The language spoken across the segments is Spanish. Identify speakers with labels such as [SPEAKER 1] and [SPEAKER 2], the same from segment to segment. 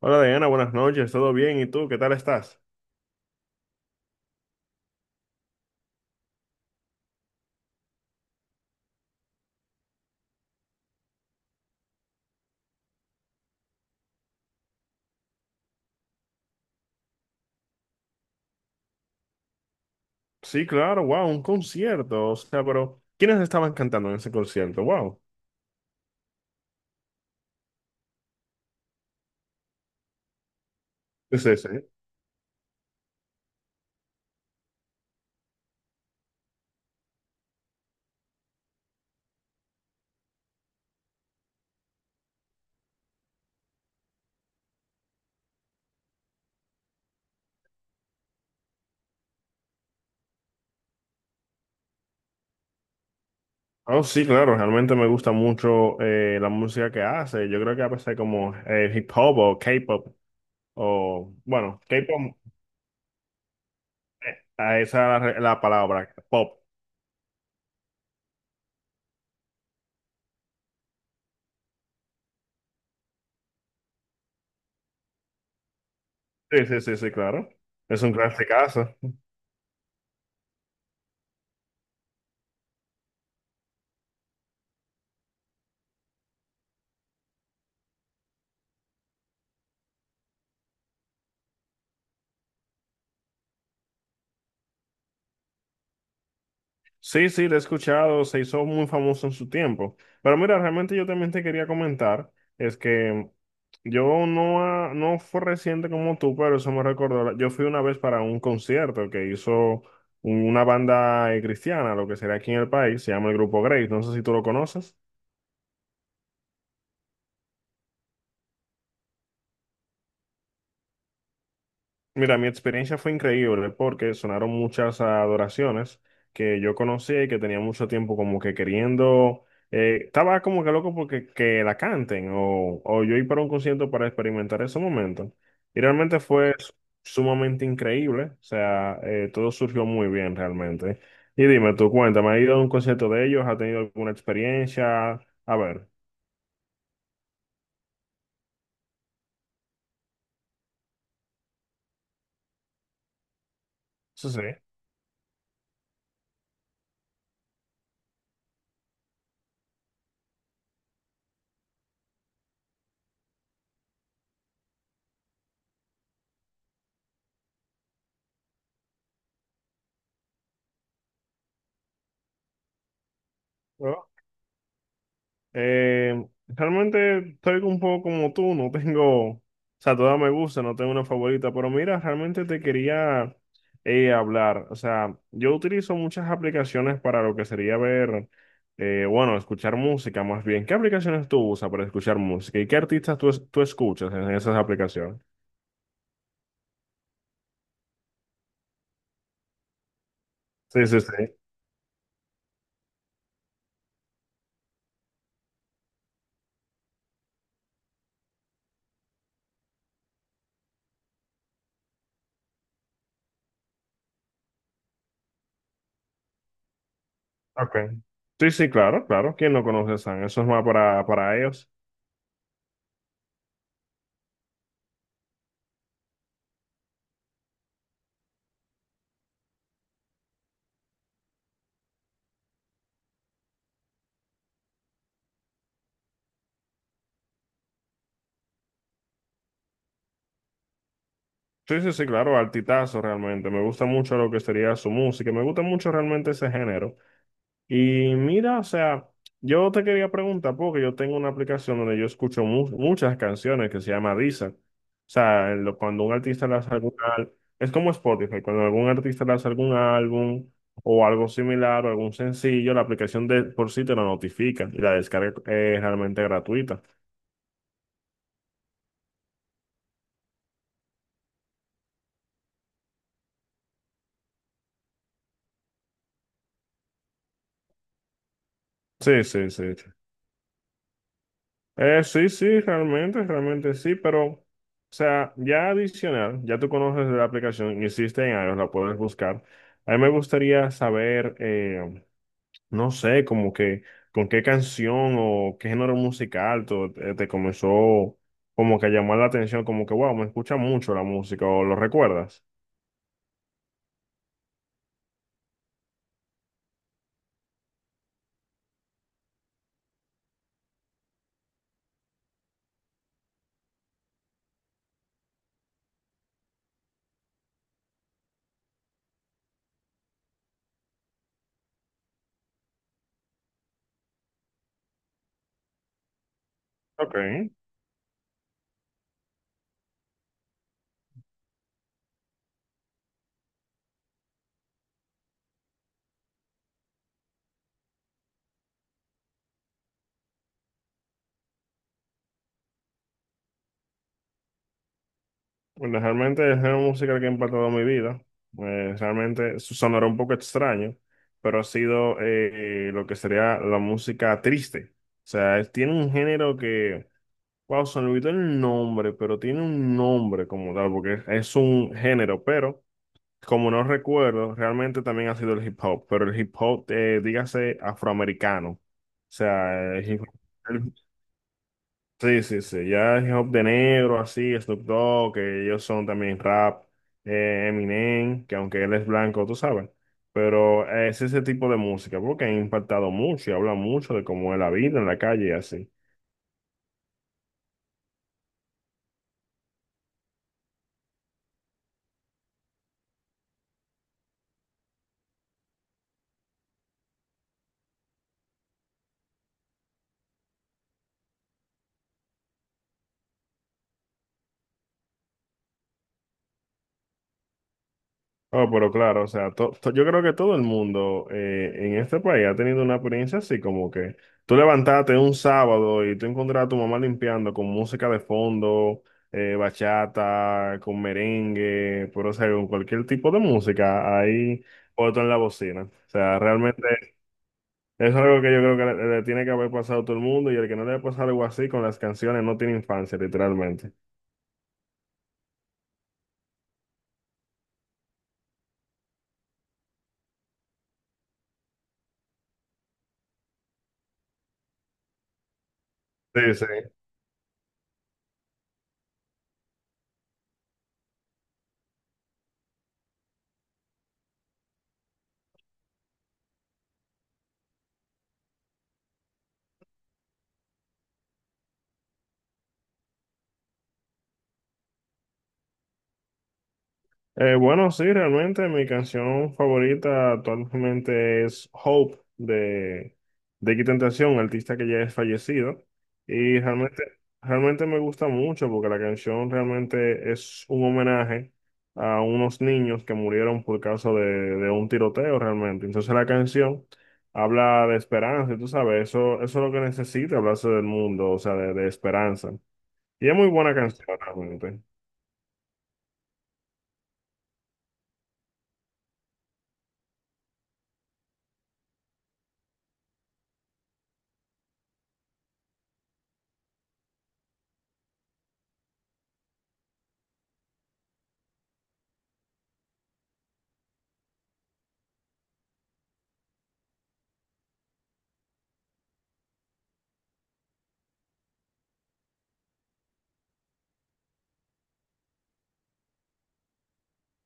[SPEAKER 1] Hola Diana, buenas noches, ¿todo bien? ¿Y tú qué tal estás? Sí, claro, wow, un concierto, o sea, pero ¿quiénes estaban cantando en ese concierto? Wow, es ese. Oh, sí, claro, realmente me gusta mucho la música que hace, yo creo que a veces como hip hop o K-pop, o bueno, K-pop, ah, esa es la palabra, pop. Sí, sí, sí, sí, claro, es un clasicazo. Sí, sí, lo he escuchado, se hizo muy famoso en su tiempo. Pero mira, realmente yo también te quería comentar, es que yo no, no fue reciente como tú, pero eso me recordó, yo fui una vez para un concierto que hizo una banda cristiana, lo que sería aquí en el país, se llama el Grupo Grace, no sé si tú lo conoces. Mira, mi experiencia fue increíble porque sonaron muchas adoraciones que yo conocía y que tenía mucho tiempo como que queriendo, estaba como que loco porque que la canten o yo ir para un concierto para experimentar ese momento. Y realmente sumamente increíble, o sea, todo surgió muy bien realmente. Y dime, tú cuéntame, ¿has ido a un concierto de ellos? ¿Has tenido alguna experiencia? A ver, sí, sí. Realmente estoy un poco como tú, no tengo, o sea, todas me gustan, no tengo una favorita, pero mira, realmente te quería hablar, o sea, yo utilizo muchas aplicaciones para lo que sería ver, bueno, escuchar música más bien. ¿Qué aplicaciones tú usas para escuchar música y qué artistas tú, tú escuchas en esas aplicaciones? Sí, sí, sí. Okay. Sí, sí, claro, claro. ¿Quién no conoce a San? Eso es más para ellos. Sí, sí, sí, claro, altitazo realmente. Me gusta mucho lo que sería su música. Me gusta mucho realmente ese género. Y mira, o sea, yo te quería preguntar, porque yo tengo una aplicación donde yo escucho muchas canciones que se llama Deezer. O sea, lo- cuando un artista lanza algún álbum, es como Spotify, cuando algún artista lanza algún álbum o algo similar o algún sencillo, la aplicación de por sí te lo notifica y la descarga es realmente gratuita. Sí, sí, sí. Sí, sí, realmente, realmente sí, pero, o sea, ya adicional, ya tú conoces la aplicación, existe en iOS, la puedes buscar. A mí me gustaría saber, no sé, como que con qué canción o qué género musical te comenzó como que a llamar la atención, como que, wow, me escucha mucho la música o lo recuerdas. Ok. Bueno, realmente es una música que ha impactado mi vida. Realmente sonará un poco extraño, pero ha sido lo que sería la música triste. O sea, tiene un género que, wow, se me olvidó el nombre, pero tiene un nombre como tal, porque es un género, pero como no recuerdo, realmente también ha sido el hip hop, pero el hip hop, dígase afroamericano. O sea, el hip hop. Sí, sí, sí, ya hip hop de negro, así, Snoop Dogg, que ellos son también rap, Eminem, que aunque él es blanco, tú sabes, pero es ese tipo de música, porque ha impactado mucho y habla mucho de cómo es la vida en la calle y así. Oh, pero claro, o sea, yo creo que todo el mundo en este país ha tenido una experiencia así, como que tú levantaste un sábado y tú encontraste a tu mamá limpiando con música de fondo, bachata, con merengue, pero o sea, con cualquier tipo de música ahí otro en la bocina. O sea, realmente es algo que yo creo que le tiene que haber pasado a todo el mundo y el que no le haya pasado algo así con las canciones no tiene infancia, literalmente. Sí, sí. Bueno, sí, realmente mi canción favorita actualmente es Hope de Qué Tentación, artista que ya es fallecido. Y realmente, realmente me gusta mucho porque la canción realmente es un homenaje a unos niños que murieron por causa de un tiroteo realmente. Entonces la canción habla de esperanza, y tú sabes, eso es lo que necesita hablarse del mundo, o sea, de esperanza. Y es muy buena canción realmente.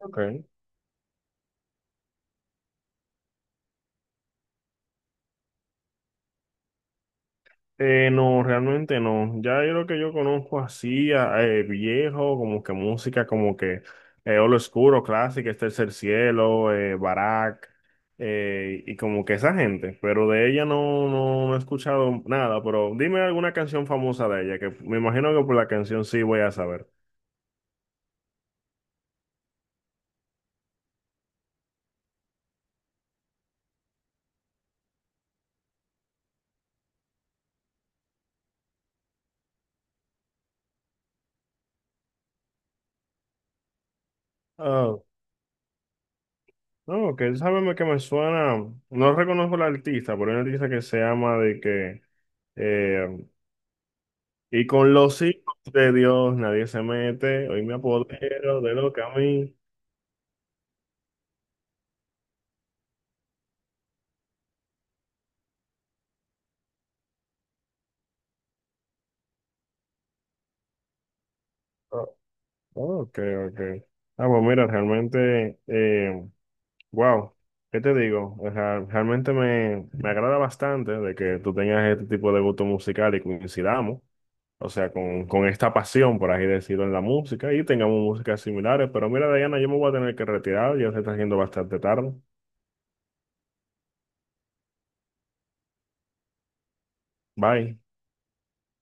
[SPEAKER 1] Ok. No, realmente no. Ya yo lo que yo conozco así, viejo, como que música como que Olo Oscuro, clásica, es Tercer Cielo, Barak, y como que esa gente. Pero de ella no, no he escuchado nada, pero dime alguna canción famosa de ella, que me imagino que por la canción sí voy a saber. Oh, no, que sábeme que me suena, no reconozco la artista, pero hay una artista que se llama de que... eh, Y con los hijos de Dios nadie se mete. Hoy me apodero de lo que a mí. Oh, ok, ok. Ah, pues mira, realmente, wow, ¿qué te digo? O sea, realmente me agrada bastante de que tú tengas este tipo de gusto musical y coincidamos, o sea, con esta pasión, por así decirlo, en la música y tengamos músicas similares. Pero mira, Diana, yo me voy a tener que retirar, ya se está haciendo bastante tarde. Bye.